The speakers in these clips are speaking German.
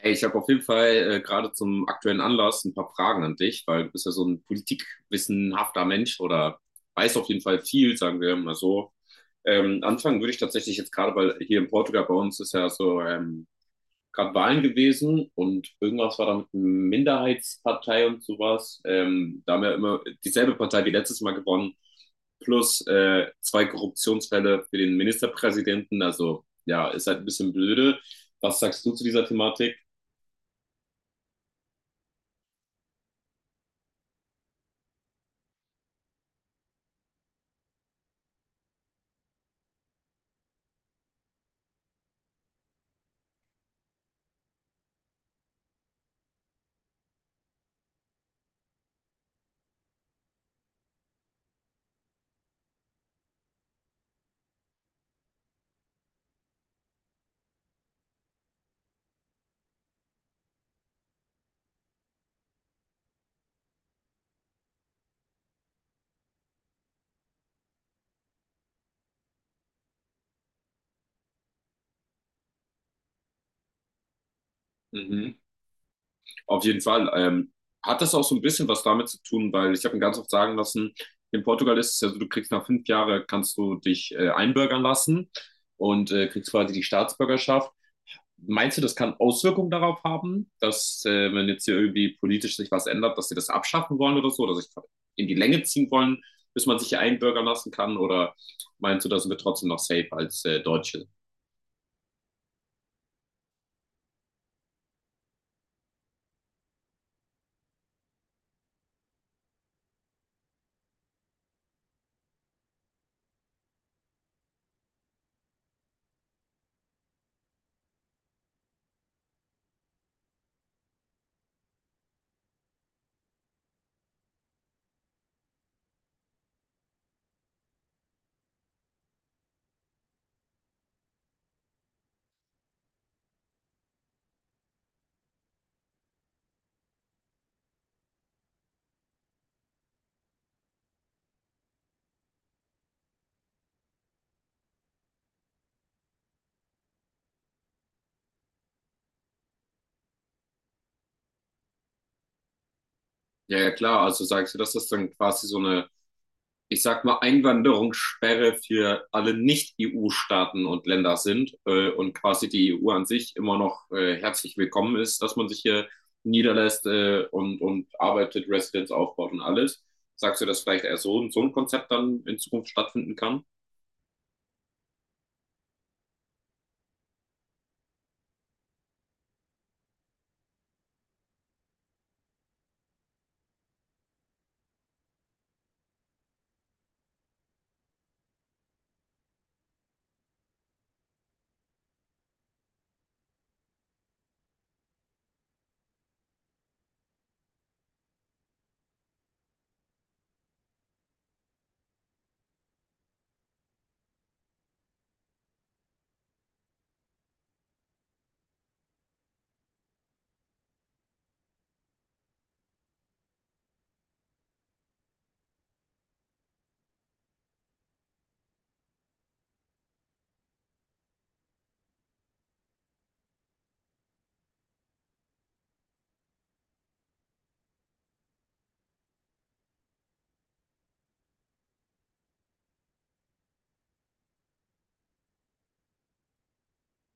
Hey, ich habe auf jeden Fall gerade zum aktuellen Anlass ein paar Fragen an dich, weil du bist ja so ein politikwissenhafter Mensch oder weißt auf jeden Fall viel, sagen wir mal so. Anfangen würde ich tatsächlich jetzt gerade, weil hier in Portugal bei uns ist ja so gerade Wahlen gewesen und irgendwas war da mit einer Minderheitspartei und sowas. Da haben wir immer dieselbe Partei wie letztes Mal gewonnen, plus zwei Korruptionsfälle für den Ministerpräsidenten. Also ja, ist halt ein bisschen blöde. Was sagst du zu dieser Thematik? Mhm. Auf jeden Fall. Hat das auch so ein bisschen was damit zu tun, weil ich habe mir ganz oft sagen lassen, in Portugal ist es ja so, du kriegst nach 5 Jahren, kannst du dich einbürgern lassen und kriegst quasi die Staatsbürgerschaft. Meinst du, das kann Auswirkungen darauf haben, dass wenn jetzt hier irgendwie politisch sich was ändert, dass sie das abschaffen wollen oder so, oder sich in die Länge ziehen wollen, bis man sich hier einbürgern lassen kann? Oder meinst du, da sind wir trotzdem noch safe als Deutsche? Ja, ja, klar. Also sagst du, dass das dann quasi so eine, ich sag mal, Einwanderungssperre für alle Nicht-EU-Staaten und Länder sind und quasi die EU an sich immer noch herzlich willkommen ist, dass man sich hier niederlässt und arbeitet, Residenz aufbaut und alles. Sagst du, dass vielleicht eher so, so ein Konzept dann in Zukunft stattfinden kann?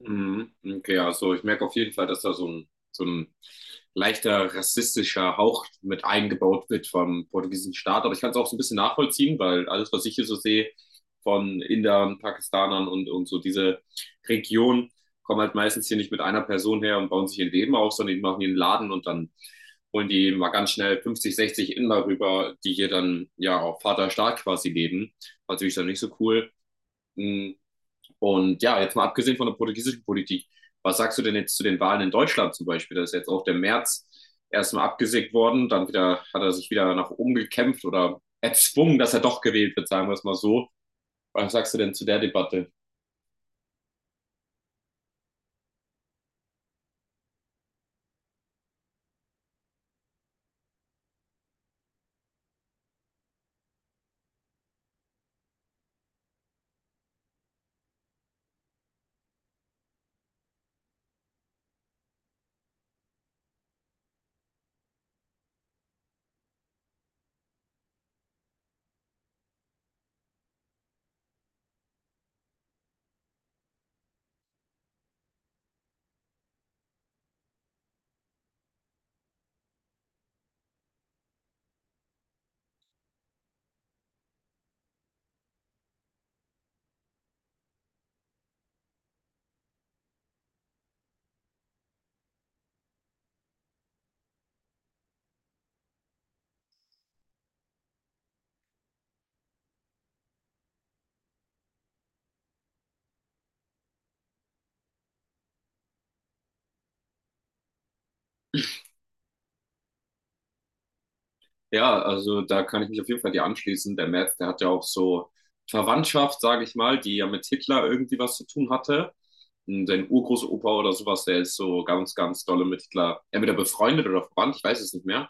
Mhm. Okay, also ich merke auf jeden Fall, dass da so ein leichter rassistischer Hauch mit eingebaut wird vom portugiesischen Staat. Aber ich kann es auch so ein bisschen nachvollziehen, weil alles, was ich hier so sehe von Indern, Pakistanern und so diese Region, kommen halt meistens hier nicht mit einer Person her und bauen sich ihr Leben auf, sondern die machen ihren Laden und dann holen die mal ganz schnell 50, 60 Inder rüber, die hier dann ja auf Vaterstaat quasi leben. War natürlich dann nicht so cool. Mhm. Und ja, jetzt mal abgesehen von der portugiesischen Politik, was sagst du denn jetzt zu den Wahlen in Deutschland zum Beispiel? Da ist jetzt auch der März erstmal abgesägt worden, dann wieder hat er sich wieder nach oben gekämpft oder erzwungen, dass er doch gewählt wird, sagen wir es mal so. Was sagst du denn zu der Debatte? Ja, also da kann ich mich auf jeden Fall dir anschließen. Der Merz, der hat ja auch so Verwandtschaft, sage ich mal, die ja mit Hitler irgendwie was zu tun hatte. Und sein Urgroßopa oder sowas, der ist so ganz, ganz dolle mit Hitler, entweder befreundet oder verwandt, ich weiß es nicht mehr.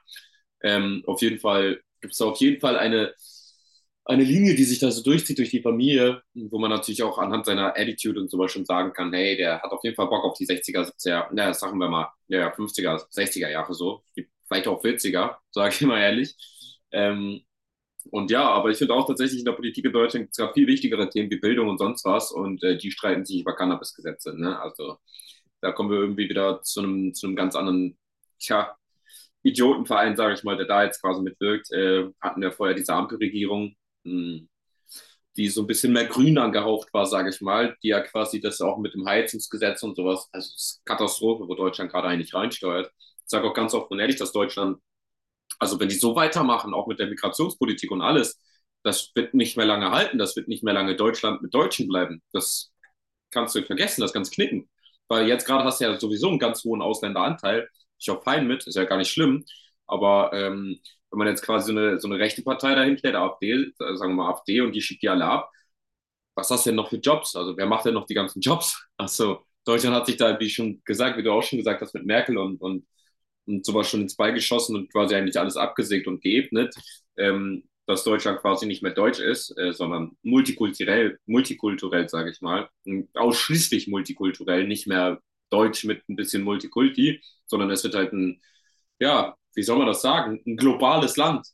Auf jeden Fall gibt es auf jeden Fall eine Linie, die sich da so durchzieht durch die Familie, wo man natürlich auch anhand seiner Attitude und sowas schon sagen kann, hey, der hat auf jeden Fall Bock auf die sechziger, er naja, sagen wir mal, ja, ja, fünfziger, sechziger Jahre so, vielleicht auch vierziger, sage ich mal ehrlich. Ähm, und ja, aber ich finde auch tatsächlich in der Politik in Deutschland gibt es gerade viel wichtigere Themen wie Bildung und sonst was und die streiten sich über Cannabis-Gesetze. Ne? Also da kommen wir irgendwie wieder zu einem ganz anderen, tja, Idiotenverein, sage ich mal, der da jetzt quasi mitwirkt, hatten wir vorher diese Ampelregierung, mh, die so ein bisschen mehr grün angehaucht war, sage ich mal, die ja quasi das auch mit dem Heizungsgesetz und sowas, also es ist Katastrophe, wo Deutschland gerade eigentlich reinsteuert. Ich sage auch ganz offen und ehrlich, dass Deutschland, also wenn die so weitermachen, auch mit der Migrationspolitik und alles, das wird nicht mehr lange halten, das wird nicht mehr lange Deutschland mit Deutschen bleiben. Das kannst du vergessen, das kannst knicken. Weil jetzt gerade hast du ja sowieso einen ganz hohen Ausländeranteil. Ich auch fein mit, ist ja gar nicht schlimm. Aber wenn man jetzt quasi so eine rechte Partei dahin stellt, AfD, sagen wir mal AfD, und die schickt die alle ab, was hast du denn noch für Jobs? Also wer macht denn noch die ganzen Jobs? Also Deutschland hat sich da, wie schon gesagt, wie du auch schon gesagt hast, mit Merkel und sowas schon ins Bein geschossen und quasi eigentlich alles abgesägt und geebnet, dass Deutschland quasi nicht mehr deutsch ist, sondern multikulturell, multikulturell, sage ich mal, ausschließlich multikulturell, nicht mehr deutsch mit ein bisschen Multikulti, sondern es wird halt ein, ja, wie soll man das sagen, ein globales Land.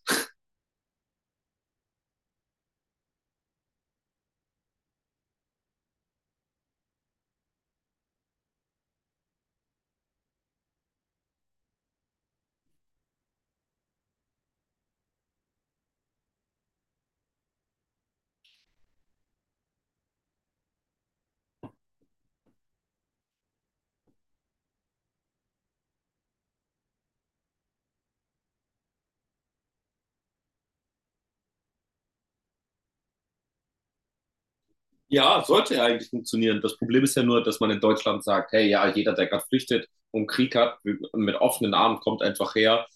Ja, sollte ja eigentlich funktionieren. Das Problem ist ja nur, dass man in Deutschland sagt, hey, ja, jeder, der gerade flüchtet und Krieg hat, mit offenen Armen kommt einfach her.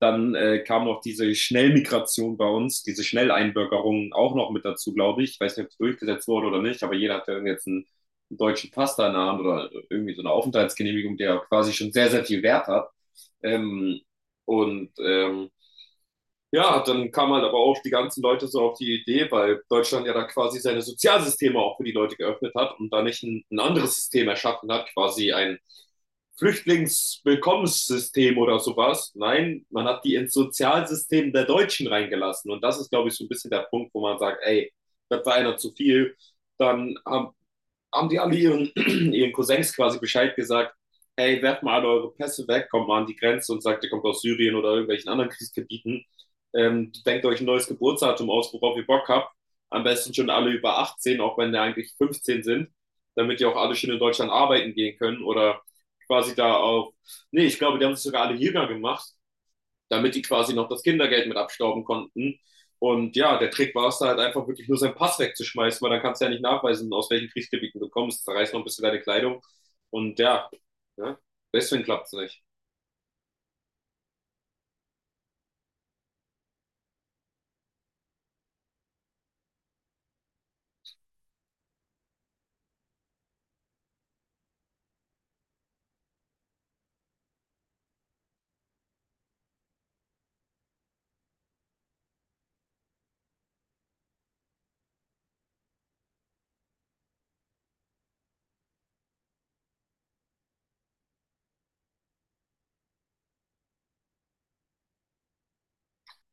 Dann kam noch diese Schnellmigration bei uns, diese Schnelleinbürgerung auch noch mit dazu, glaube ich. Ich weiß nicht, ob es durchgesetzt wurde oder nicht, aber jeder hat ja jetzt einen, einen deutschen Pass da in der Hand oder irgendwie so eine Aufenthaltsgenehmigung, der quasi schon sehr, sehr viel Wert hat. Ähm, und ähm, ja, dann kam halt aber auch die ganzen Leute so auf die Idee, weil Deutschland ja da quasi seine Sozialsysteme auch für die Leute geöffnet hat und da nicht ein, ein anderes System erschaffen hat, quasi ein Flüchtlingswillkommenssystem oder sowas. Nein, man hat die ins Sozialsystem der Deutschen reingelassen. Und das ist, glaube ich, so ein bisschen der Punkt, wo man sagt, ey, das war einer zu viel. Dann haben, haben die alle ihren, ihren Cousins quasi Bescheid gesagt, ey, werft mal alle eure Pässe weg, kommt mal an die Grenze und sagt, ihr kommt aus Syrien oder irgendwelchen anderen Kriegsgebieten. Denkt euch ein neues Geburtsdatum aus, worauf ihr Bock habt. Am besten schon alle über 18, auch wenn die eigentlich 15 sind, damit die auch alle schön in Deutschland arbeiten gehen können oder quasi da auf. Nee, ich glaube, die haben es sogar alle Jäger gemacht, damit die quasi noch das Kindergeld mit abstauben konnten. Und ja, der Trick war es da halt einfach wirklich nur seinen Pass wegzuschmeißen, weil dann kannst du ja nicht nachweisen, aus welchen Kriegsgebieten du kommst. Zerreißt noch ein bisschen deine Kleidung. Und ja, ja deswegen klappt es nicht.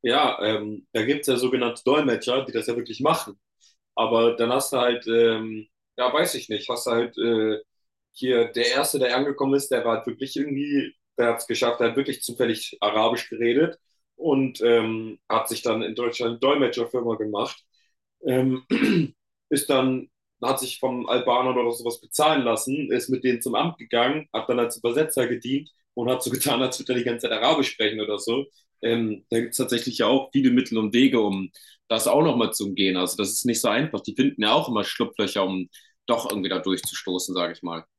Ja, da gibt es ja sogenannte Dolmetscher, die das ja wirklich machen. Aber dann hast du halt, ja, weiß ich nicht, hast du halt hier, der Erste, der angekommen ist, der war halt wirklich irgendwie, der hat es geschafft, der hat wirklich zufällig Arabisch geredet und hat sich dann in Deutschland eine Dolmetscherfirma gemacht. Ähm, ist dann, hat sich vom Albaner oder sowas bezahlen lassen, ist mit denen zum Amt gegangen, hat dann als Übersetzer gedient und hat so getan, als würde er die ganze Zeit Arabisch sprechen oder so. Da gibt es tatsächlich ja auch viele Mittel und Wege, um das auch nochmal zu umgehen. Also das ist nicht so einfach. Die finden ja auch immer Schlupflöcher, um doch irgendwie da durchzustoßen, sage ich mal.